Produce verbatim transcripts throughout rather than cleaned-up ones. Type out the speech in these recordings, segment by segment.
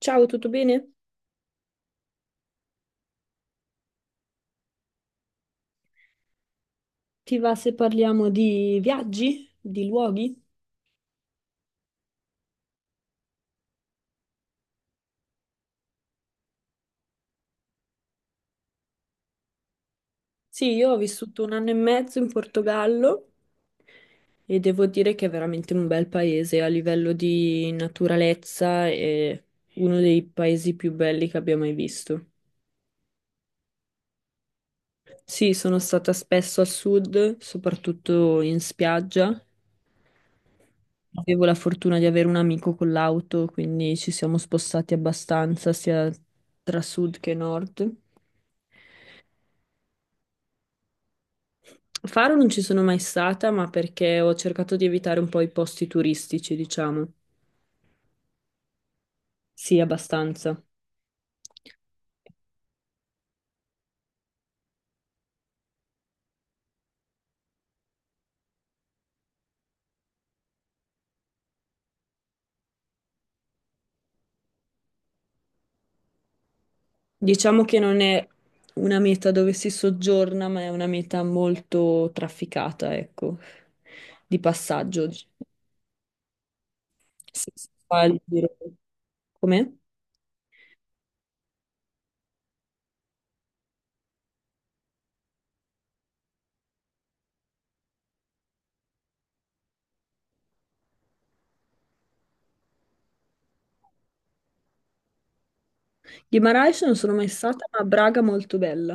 Ciao, tutto bene? Ti va se parliamo di viaggi, di luoghi? Sì, io ho vissuto un anno e mezzo in Portogallo e devo dire che è veramente un bel paese a livello di naturalezza è uno dei paesi più belli che abbia mai visto. Sì, sono stata spesso a sud, soprattutto in spiaggia. Avevo la fortuna di avere un amico con l'auto, quindi ci siamo spostati abbastanza sia tra sud che nord. Faro non ci sono mai stata, ma perché ho cercato di evitare un po' i posti turistici, diciamo. Sì, abbastanza. Diciamo che non è una meta dove si soggiorna, ma è una meta molto trafficata, ecco, di passaggio. Si si fa il giro. Com'è? Guimarães non sono mai stata, ma Braga molto bella.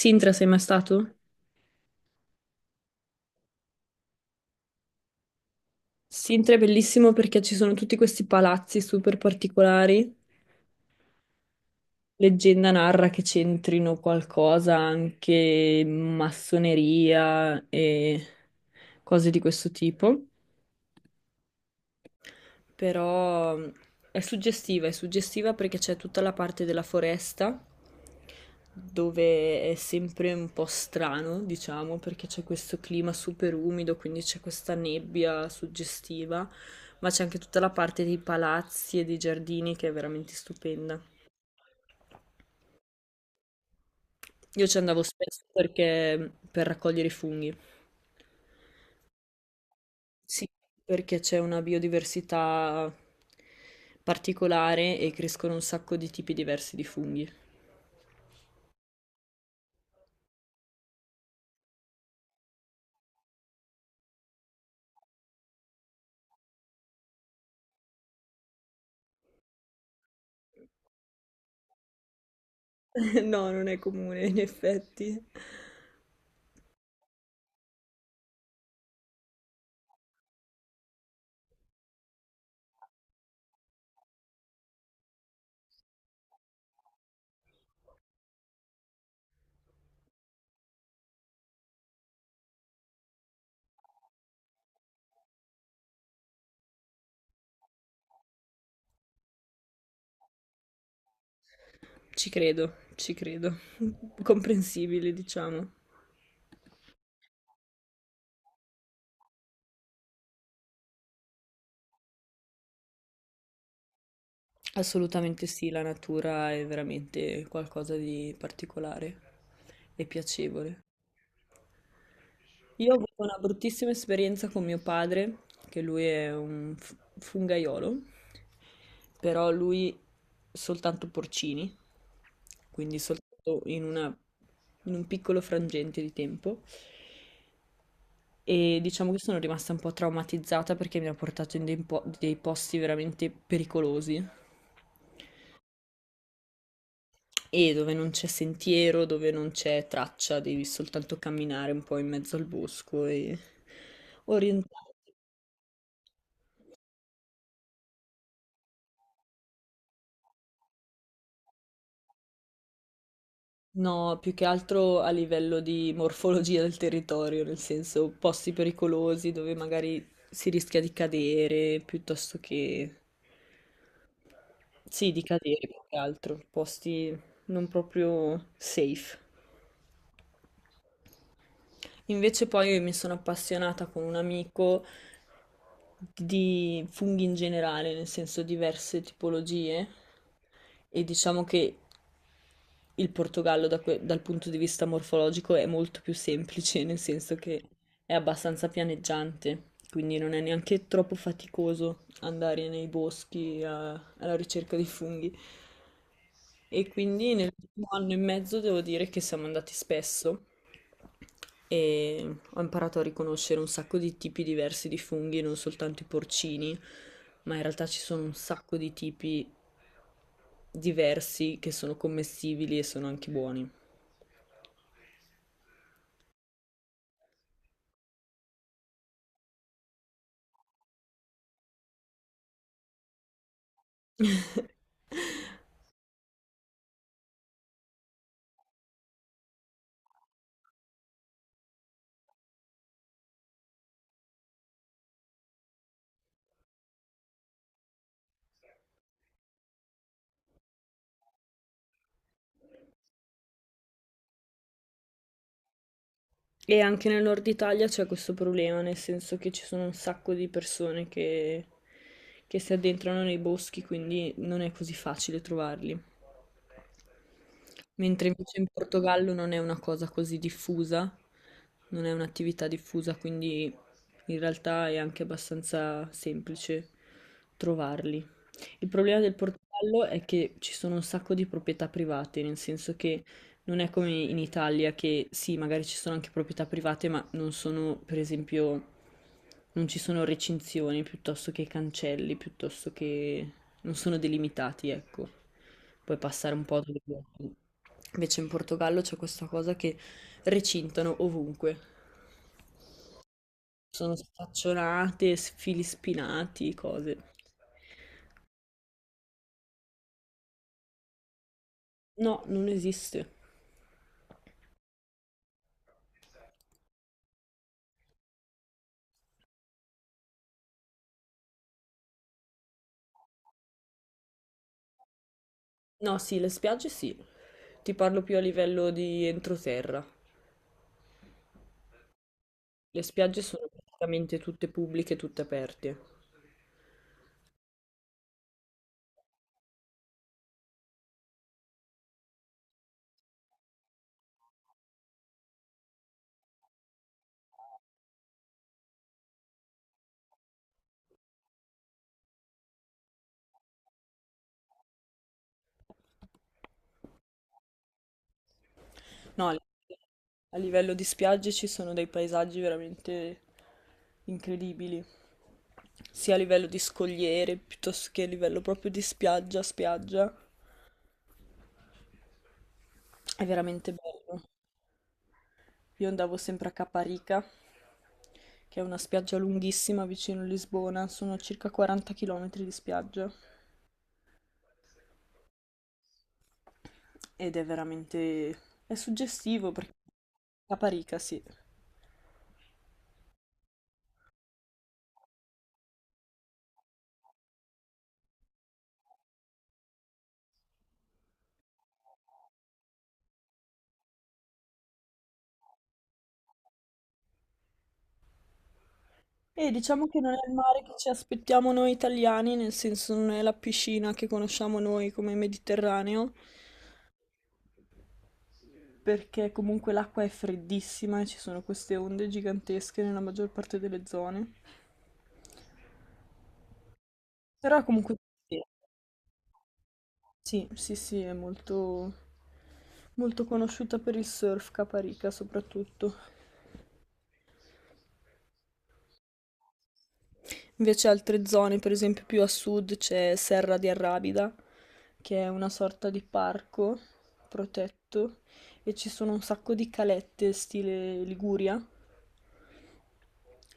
Sintra, sei mai stato? Sintra è bellissimo perché ci sono tutti questi palazzi super particolari. Leggenda narra che c'entrino qualcosa anche massoneria e cose di questo tipo, però mm, è suggestiva, è suggestiva perché c'è tutta la parte della foresta dove è sempre un po' strano, diciamo, perché c'è questo clima super umido, quindi c'è questa nebbia suggestiva, ma c'è anche tutta la parte dei palazzi e dei giardini che è veramente stupenda. Io ci andavo spesso perché per raccogliere i funghi. Sì, perché c'è una biodiversità particolare e crescono un sacco di tipi diversi di funghi. No, non è comune, in effetti. Ci credo, ci credo. Comprensibile, diciamo. Assolutamente sì, la natura è veramente qualcosa di particolare e piacevole. Io ho avuto una bruttissima esperienza con mio padre, che lui è un f- fungaiolo, però lui soltanto porcini, quindi soltanto in una- in un piccolo frangente di tempo. E diciamo che sono rimasta un po' traumatizzata perché mi ha portato in dei, po- dei posti veramente pericolosi e dove non c'è sentiero, dove non c'è traccia, devi soltanto camminare un po' in mezzo al bosco e orientarti. No, più che altro a livello di morfologia del territorio, nel senso posti pericolosi dove magari si rischia di cadere, piuttosto che... Sì, di cadere più che altro, posti non proprio safe. Invece poi mi sono appassionata con un amico di funghi in generale, nel senso diverse tipologie, e diciamo che il Portogallo da que- dal punto di vista morfologico è molto più semplice, nel senso che è abbastanza pianeggiante, quindi non è neanche troppo faticoso andare nei boschi a- alla ricerca di funghi. E quindi nell'ultimo anno e mezzo devo dire che siamo andati spesso e ho imparato a riconoscere un sacco di tipi diversi di funghi, non soltanto i porcini, ma in realtà ci sono un sacco di tipi diversi che sono commestibili e sono anche buoni. E anche nel nord Italia c'è questo problema, nel senso che ci sono un sacco di persone che, che si addentrano nei boschi, quindi non è così facile trovarli. Mentre invece in Portogallo non è una cosa così diffusa, non è un'attività diffusa, quindi in realtà è anche abbastanza semplice trovarli. Il problema del Portogallo è che ci sono un sacco di proprietà private, nel senso che non è come in Italia che sì, magari ci sono anche proprietà private, ma non sono, per esempio, non ci sono recinzioni piuttosto che cancelli, piuttosto che non sono delimitati, ecco. Puoi passare un po' dove vuoi. Invece in Portogallo c'è questa cosa che recintano ovunque. Sono staccionate, s- fili spinati, cose. No, non esiste. No, sì, le spiagge sì. Ti parlo più a livello di entroterra. Le spiagge sono praticamente tutte pubbliche, tutte aperte. No, a a livello di spiagge ci sono dei paesaggi veramente incredibili, sia a livello di scogliere piuttosto che a livello proprio di spiaggia, spiaggia. È veramente bello. Io andavo sempre a Caparica, che è una spiaggia lunghissima vicino a Lisbona, sono circa quaranta chilometri di spiaggia. Ed è veramente... è suggestivo perché... Caparica, sì. E diciamo che non è il mare che ci aspettiamo noi italiani, nel senso non è la piscina che conosciamo noi come Mediterraneo, perché comunque l'acqua è freddissima e ci sono queste onde gigantesche nella maggior parte delle zone. Però è comunque sì, sì, sì, sì, è molto, molto conosciuta per il surf Caparica soprattutto. Invece altre zone, per esempio più a sud c'è Serra di Arrabida, che è una sorta di parco protetto e ci sono un sacco di calette stile Liguria,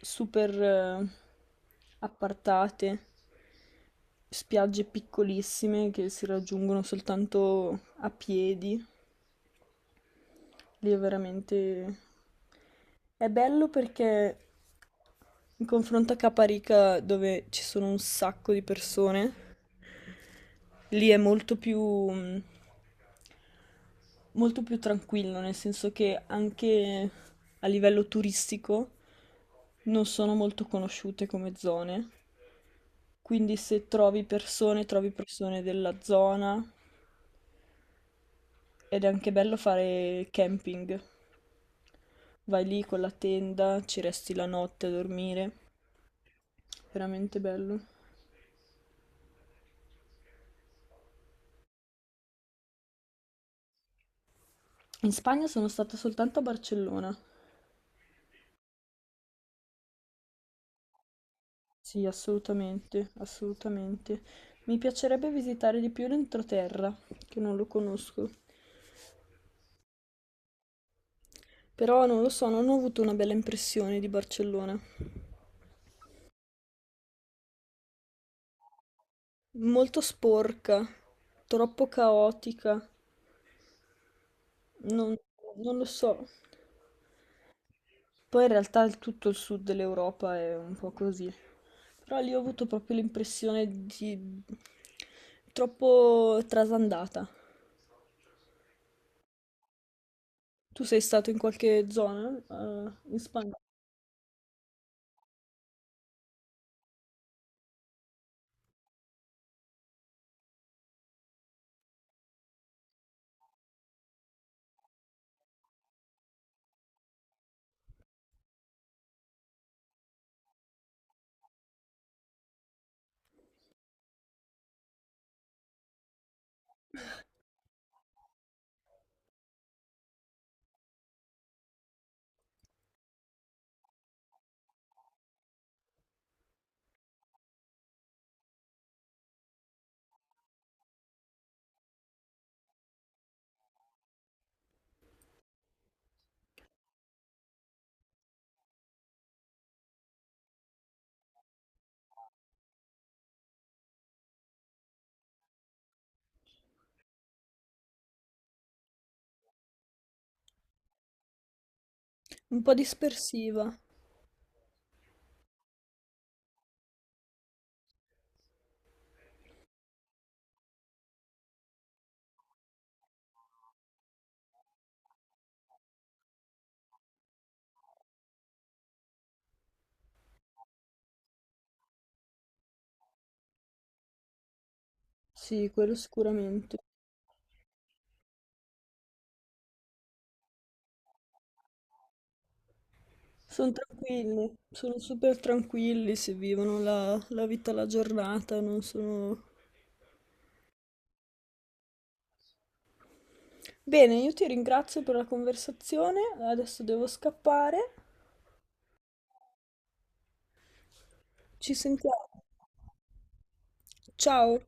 super eh, appartate, spiagge piccolissime che si raggiungono soltanto a piedi. Lì è veramente... è bello perché in confronto a Caparica, dove ci sono un sacco di persone, lì è molto più, mm, molto più tranquillo, nel senso che anche a livello turistico non sono molto conosciute come zone. Quindi se trovi persone, trovi persone della zona ed è anche bello fare camping. Vai lì con la tenda, ci resti la notte a dormire. Veramente bello. In Spagna sono stata soltanto a Barcellona. Sì, assolutamente, assolutamente. Mi piacerebbe visitare di più l'entroterra, che non lo conosco. Però non lo so, non ho avuto una bella impressione di Barcellona. Molto sporca, troppo caotica, non, non lo so. Poi in realtà il- tutto il sud dell'Europa è un po' così. Però lì ho avuto proprio l'impressione di troppo trasandata. Tu sei stato in qualche zona, eh, in Spagna? Un po' dispersiva. Sì, quello sicuramente. Sono tranquilli, sono super tranquilli, si vivono la, la vita alla giornata, non sono... Bene, io ti ringrazio per la conversazione, adesso devo scappare. Ci sentiamo. Ciao.